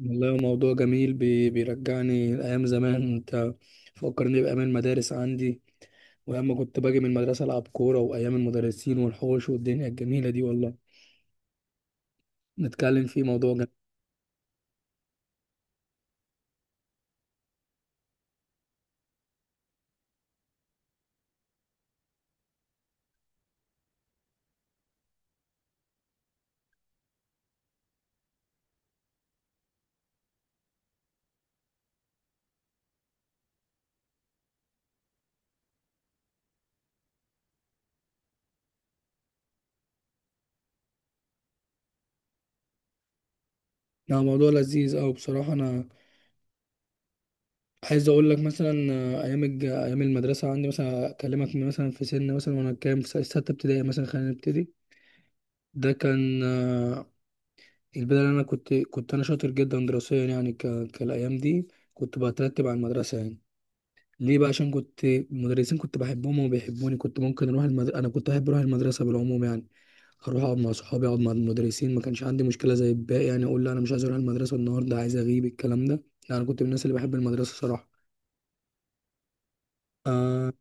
والله هو موضوع جميل بيرجعني لأيام زمان. أنت فكرني بأيام المدارس عندي، وأيام ما كنت باجي من المدرسة ألعب كورة، وأيام المدرسين والحوش والدنيا الجميلة دي. والله نتكلم فيه، موضوع جميل. يعني موضوع لذيذ أوي بصراحة. أنا عايز أقول لك مثلا، أيام أيام المدرسة عندي، مثلا أكلمك من مثلا في سن مثلا، وأنا كام في ستة ابتدائي مثلا. خلينا نبتدي. ده كان البداية. اللي أنا كنت أنا شاطر جدا دراسيا، يعني كالأيام دي كنت بترتب على المدرسة يعني. ليه بقى؟ عشان كنت المدرسين كنت بحبهم وبيحبوني. كنت ممكن اروح انا كنت بحب اروح المدرسه بالعموم يعني. اروح اقعد مع صحابي، اقعد مع المدرسين. ما كانش عندي مشكله زي الباقي يعني، اقول لا انا مش عايز اروح المدرسه النهارده، عايز اغيب، الكلام ده. لا، انا كنت من الناس اللي بحب المدرسه صراحه. آه...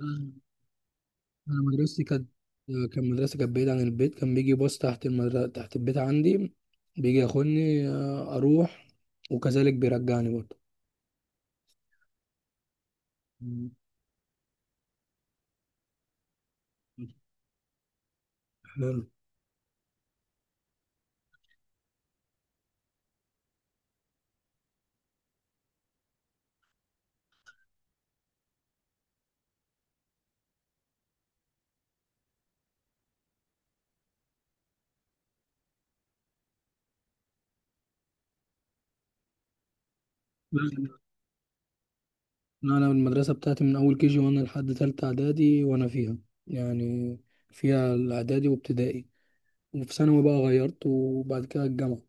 انا مدرستي كانت، كان مدرسه كانت بعيده عن البيت. كان بيجي باص تحت المدرسه، تحت البيت عندي، بيجي ياخدني، اروح، وكذلك بيرجعني برضه. مم. حلو. انا المدرسه بتاعتي من اول كيجي وانا لحد تالتة اعدادي وانا فيها يعني. فيها الاعدادي وابتدائي، وفي ثانوي بقى غيرت، وبعد كده الجامعه.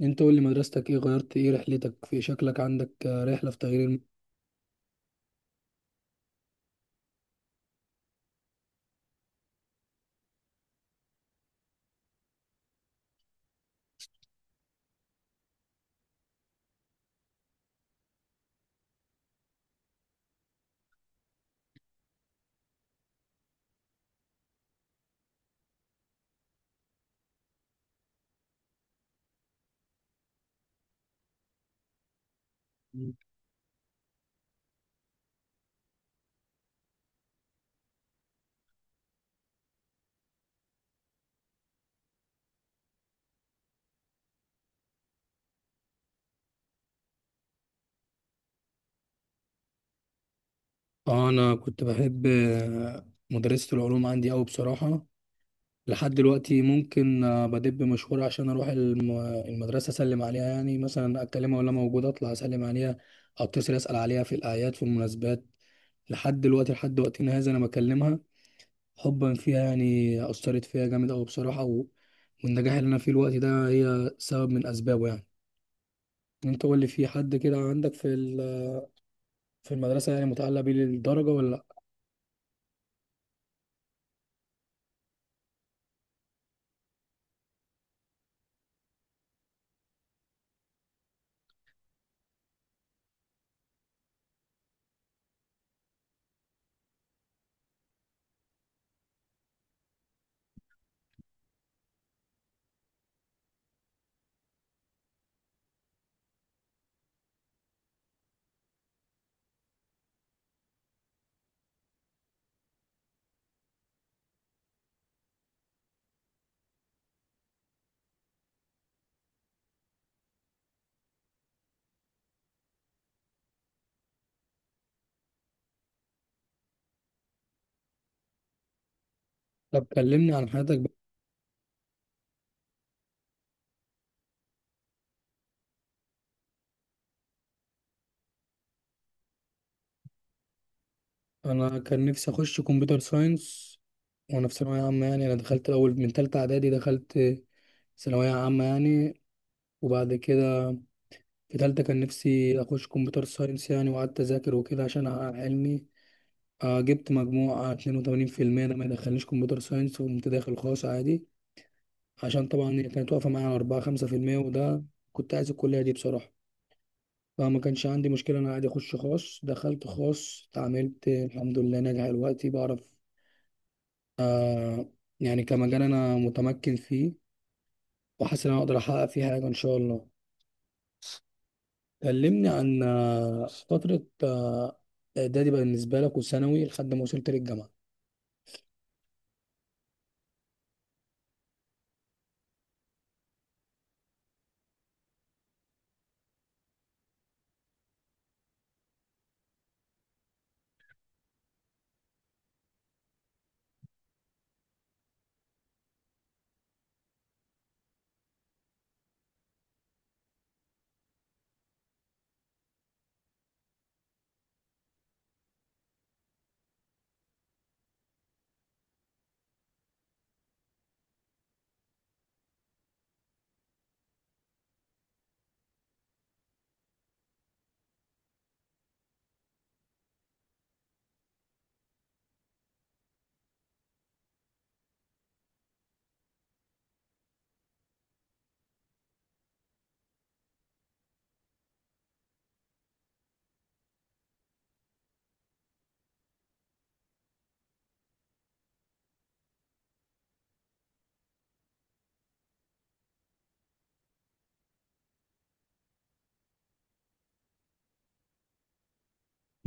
انت قول لي مدرستك ايه؟ غيرت ايه؟ رحلتك في شكلك، عندك رحله في تغيير؟ الم... اه انا كنت بحب مدرسه العلوم عندي قوي بصراحه. لحد دلوقتي ممكن بدب مشوار عشان اروح المدرسه اسلم عليها يعني. مثلا اكلمها، ولا موجوده اطلع اسلم عليها، اتصل اسال عليها في الاعياد في المناسبات. لحد دلوقتي، لحد وقتنا هذا انا بكلمها حبا فيها يعني. اثرت فيها جامد قوي بصراحه، والنجاح اللي انا فيه الوقت ده، هي سبب من اسبابه يعني. انت قول لي، في حد كده عندك في المدرسه يعني متعلق بيه للدرجه ولا لا؟ طب كلمني عن حياتك. انا كان نفسي اخش كمبيوتر ساينس. وانا في ثانويه عامه، يعني انا دخلت الاول من ثالثه اعدادي، دخلت ثانويه عامه يعني. وبعد كده في ثالثه كان نفسي اخش كمبيوتر ساينس يعني. وقعدت اذاكر وكده عشان احقق علمي. جبت مجموع 82%، ده ما يدخلنيش كمبيوتر ساينس. وقمت داخل خاص عادي، عشان طبعا هي كانت واقفه معايا على 4 5%. وده، كنت عايز الكليه دي بصراحه، فما كانش عندي مشكله. انا عادي اخش خاص. دخلت خاص، اتعاملت، الحمد لله ناجح دلوقتي، بعرف آه، يعني كمجال أنا متمكن فيه، وحاسس إن أنا أقدر أحقق فيه حاجة إن شاء الله. كلمني عن فترة إعدادي بالنسبة لك وثانوي لحد ما وصلت للجامعة.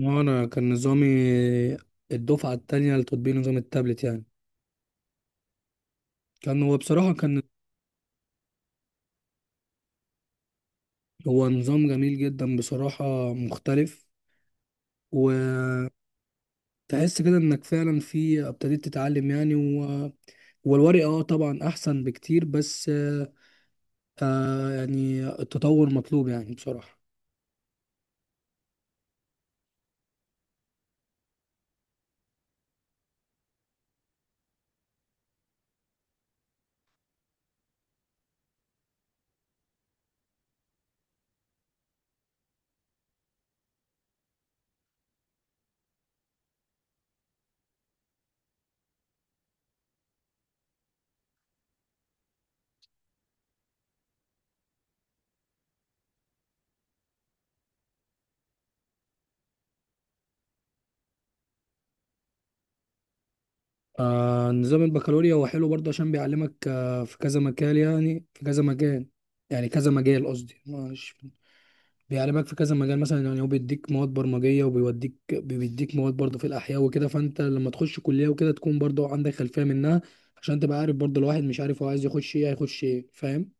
وأنا كان نظامي الدفعة التانية لتطبيق نظام التابلت يعني. كان هو نظام جميل جدا بصراحة، مختلف. وتحس كده إنك فعلا في ابتديت تتعلم يعني. و والورق اه طبعا احسن بكتير، بس فيعني التطور مطلوب يعني بصراحة. نظام البكالوريا هو حلو برضه، عشان بيعلمك في كذا مجال، يعني كذا مجال قصدي. مش بيعلمك في كذا مجال مثلا، يعني هو بيديك مواد برمجية، وبيوديك بيديك مواد برضه في الأحياء وكده. فأنت لما تخش كلية وكده تكون برضه عندك خلفية منها، عشان تبقى عارف برضه. الواحد مش عارف هو عايز يخش إيه، هيخش إيه، فاهم؟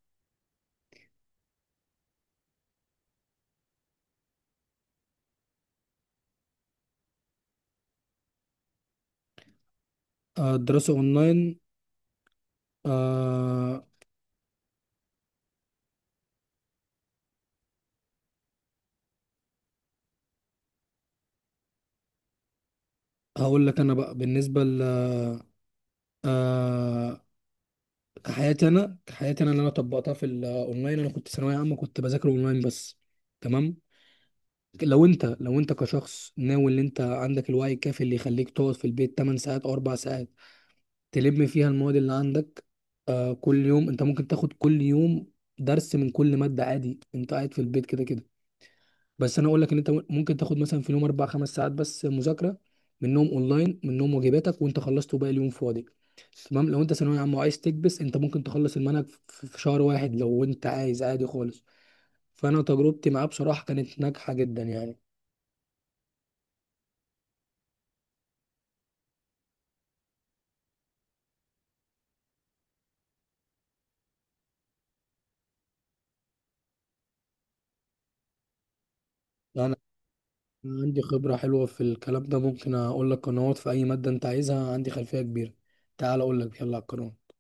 الدراسة أونلاين، آه، هقول لك أنا بقى. بالنسبة ل آه، كحياتي انا، اللي انا طبقتها في الاونلاين، انا كنت ثانويه عامه كنت بذاكر اونلاين بس. تمام. لو انت كشخص ناوي، ان انت عندك الوعي الكافي اللي يخليك تقعد في البيت 8 ساعات او 4 ساعات تلم فيها المواد اللي عندك آه، كل يوم انت ممكن تاخد كل يوم درس من كل ماده عادي، انت قاعد في البيت كده كده. بس انا اقول لك ان انت ممكن تاخد مثلا في اليوم اربع خمس ساعات بس مذاكره، منهم اونلاين منهم واجباتك وانت خلصت، وباقي اليوم فاضي. تمام. لو انت ثانويه عامه وعايز تكبس، انت ممكن تخلص المنهج في شهر واحد لو انت عايز عادي خالص. فانا تجربتي معاه بصراحه كانت ناجحه جدا يعني. انا عندي خبره حلوه في الكلام ده، ممكن اقول لك قنوات في اي ماده انت عايزها، عندي خلفيه كبيره. تعال اقول لك، يلا على القنوات.